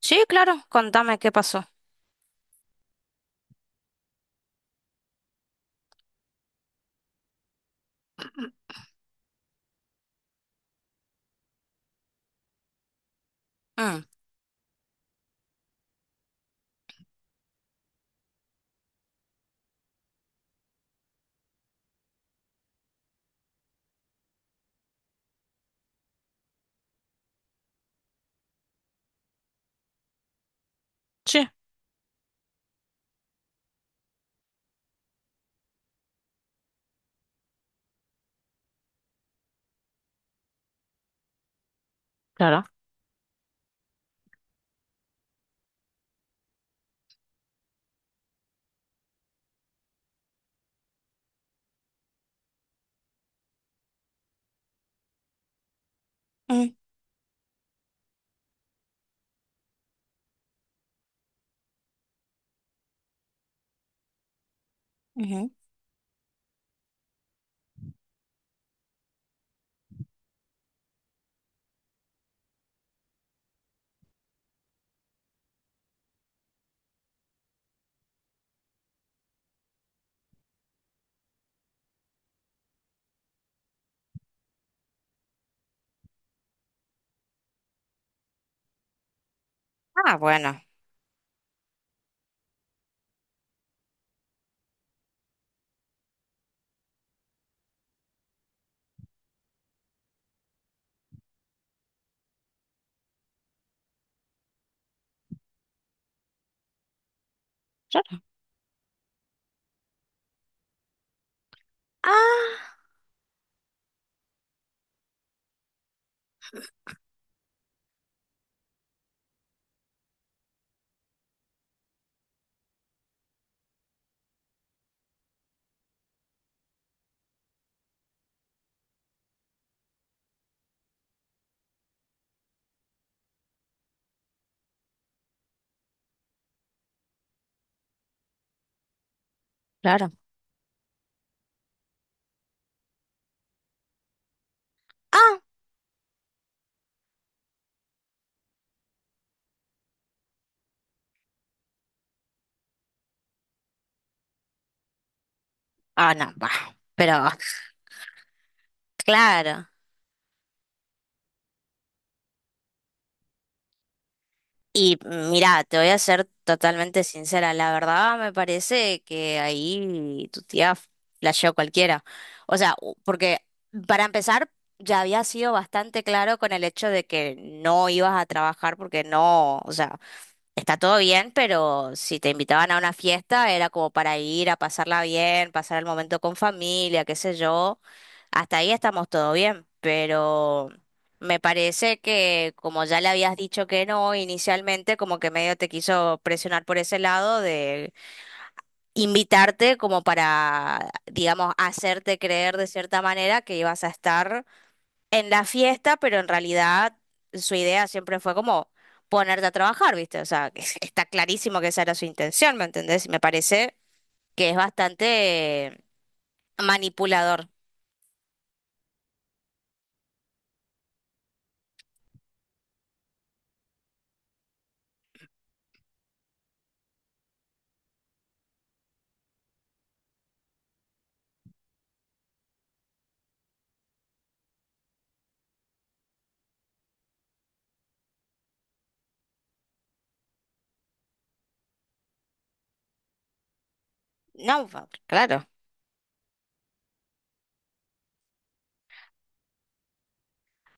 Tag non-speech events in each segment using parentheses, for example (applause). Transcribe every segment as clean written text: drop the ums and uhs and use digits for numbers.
Sí, claro, contame qué pasó. Mm, sí, claro. Mm, ujú. Ah, bueno. Claro. Ah, claro. Ah, no, va. Pero, claro. Y mira, te voy a ser totalmente sincera. La verdad me parece que ahí tu tía flasheó cualquiera. O sea, porque para empezar, ya había sido bastante claro con el hecho de que no ibas a trabajar porque no, o sea. Está todo bien, pero si te invitaban a una fiesta era como para ir a pasarla bien, pasar el momento con familia, qué sé yo. Hasta ahí estamos todo bien, pero me parece que como ya le habías dicho que no inicialmente, como que medio te quiso presionar por ese lado de invitarte como para, digamos, hacerte creer de cierta manera que ibas a estar en la fiesta, pero en realidad su idea siempre fue como ponerte a trabajar, ¿viste? O sea, que (laughs) está clarísimo que esa era su intención, ¿me entendés? Me parece que es bastante manipulador. No, claro.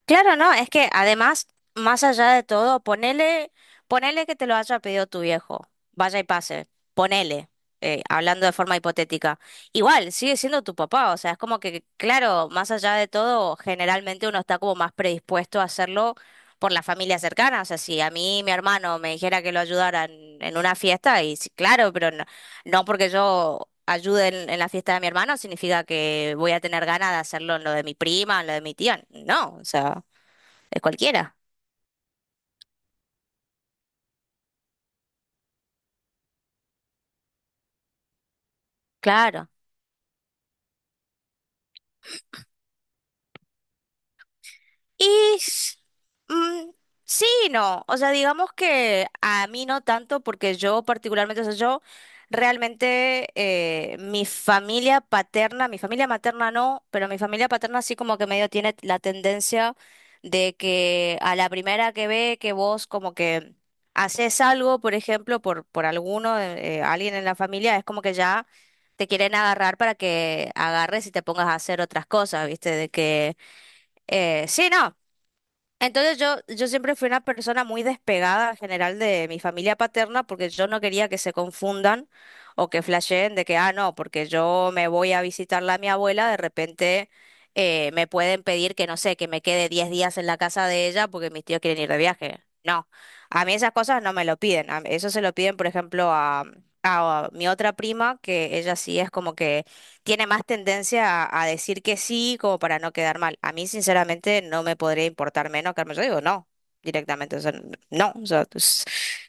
Claro, no, es que además, más allá de todo, ponele, ponele que te lo haya pedido tu viejo, vaya y pase, ponele, hablando de forma hipotética. Igual, sigue siendo tu papá, o sea, es como que, claro, más allá de todo, generalmente uno está como más predispuesto a hacerlo por la familia cercana, o sea, si a mí mi hermano me dijera que lo ayudara en una fiesta, y sí, claro, pero no, no porque yo ayude en la fiesta de mi hermano significa que voy a tener ganas de hacerlo en lo de mi prima, en lo de mi tía. No, o sea. De cualquiera, claro. Y s- mm, sí, y no. O sea, digamos que a mí no tanto, porque yo particularmente, o sea, yo realmente mi familia paterna, mi familia materna no, pero mi familia paterna sí, como que medio tiene la tendencia de que a la primera que ve que vos como que haces algo, por ejemplo, por alguno, alguien en la familia, es como que ya te quieren agarrar para que agarres y te pongas a hacer otras cosas, ¿viste? De que... sí, no, entonces yo siempre fui una persona muy despegada en general de mi familia paterna porque yo no quería que se confundan o que flasheen de que, ah, no, porque yo me voy a visitarla a mi abuela, de repente me pueden pedir que, no sé, que me quede 10 días en la casa de ella porque mis tíos quieren ir de viaje. No, a mí esas cosas no me lo piden. Eso se lo piden, por ejemplo, a mi otra prima, que ella sí es como que tiene más tendencia a decir que sí como para no quedar mal. A mí, sinceramente, no me podría importar menos, que yo digo no, directamente. O sea, no, o sea, pues,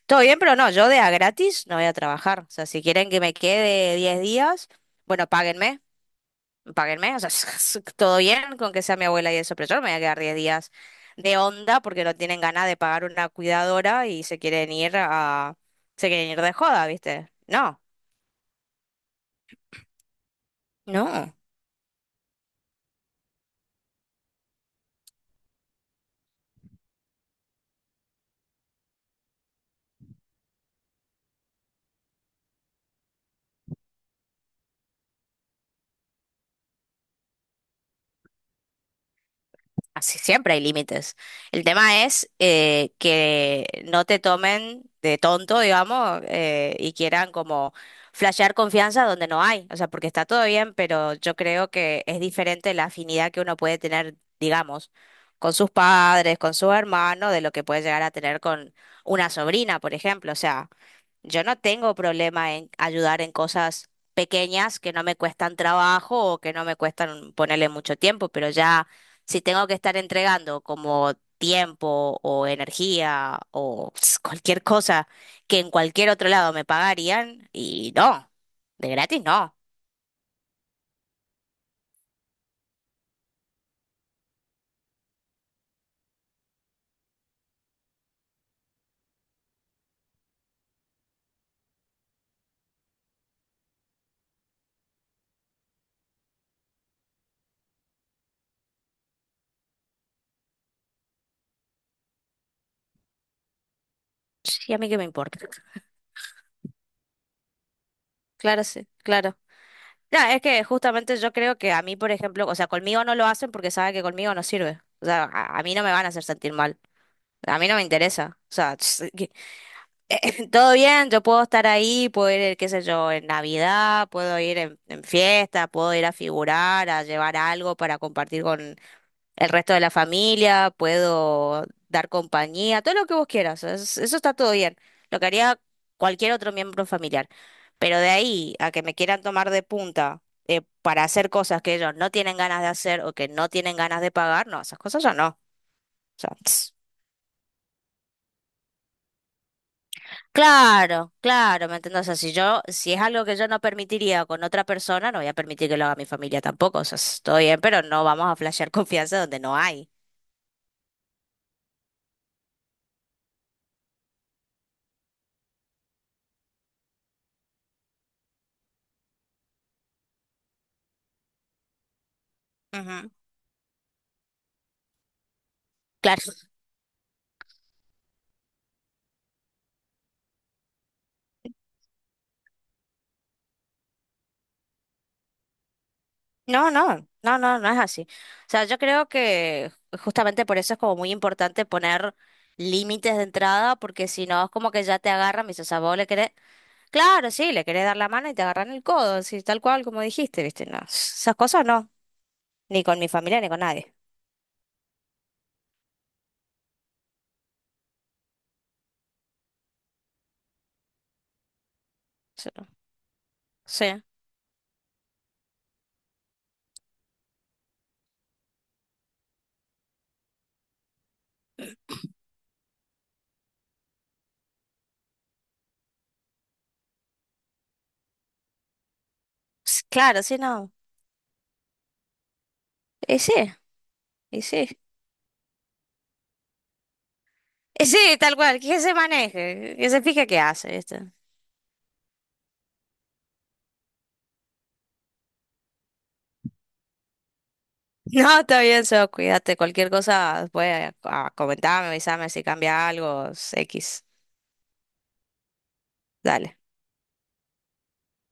todo bien, pero no, yo de a gratis no voy a trabajar. O sea, si quieren que me quede 10 días, bueno, páguenme, páguenme. O sea, (laughs) todo bien con que sea mi abuela y eso, pero yo no me voy a quedar 10 días de onda porque no tienen ganas de pagar una cuidadora y se quieren ir se quieren ir de joda, ¿viste? No, no. Así siempre hay límites. El tema es que no te tomen de tonto, digamos, y quieran como flashear confianza donde no hay. O sea, porque está todo bien, pero yo creo que es diferente la afinidad que uno puede tener, digamos, con sus padres, con su hermano, de lo que puede llegar a tener con una sobrina, por ejemplo. O sea. Yo no tengo problema en ayudar en cosas pequeñas que no me cuestan trabajo o que no me cuestan ponerle mucho tiempo, pero ya si tengo que estar entregando como tiempo o energía o (sniffs) (tsk) cualquier cosa que en cualquier otro lado me pagarían, y no, de gratis no. Sí, a mí qué me importa. Claro, sí, claro. No, es que justamente yo creo que a mí, por ejemplo, o sea, conmigo no lo hacen porque saben que conmigo no sirve. O sea, a mí no me van a hacer sentir mal. A mí no me interesa. O sea, (sniffs) (laughs) (laughs) todo bien, yo puedo estar ahí, puedo ir, qué sé yo, en Navidad, puedo ir en fiesta, puedo ir a figurar, a llevar algo para compartir con el resto de la familia, puedo dar compañía, todo lo que vos quieras, eso está todo bien, lo que haría cualquier otro miembro familiar. Pero de ahí a que me quieran tomar de punta para hacer cosas que ellos no tienen ganas de hacer o que no tienen ganas de pagar, no, esas cosas ya no. O sea. Claro, claro, ¿me entiendes? O sea, si es algo que yo no permitiría con otra persona, no voy a permitir que lo haga mi familia tampoco. O sea, estoy bien, pero no vamos a flashear (laughs) confianza donde no hay. Ujú. Claro. No, no, no, no, no es así. O sea, yo creo que justamente por eso es como muy importante poner límites de entrada, porque si no es como que ya te agarran, y dices, o sea, vos le querés, claro, sí, le querés dar la mano y te agarran el codo, así tal cual como dijiste, ¿viste? No, esas cosas no, ni con mi familia ni con nadie. Sí. Sí. Sí, claro, sí, no. Y sí, y sí. Y sí, (laughs) tal cual, que se maneje, que se fije qué hace, ¿viste? (laughs) No, está bien, sos, cuídate. Cualquier cosa, después comentarme, avisarme si cambia algo, X. Dale.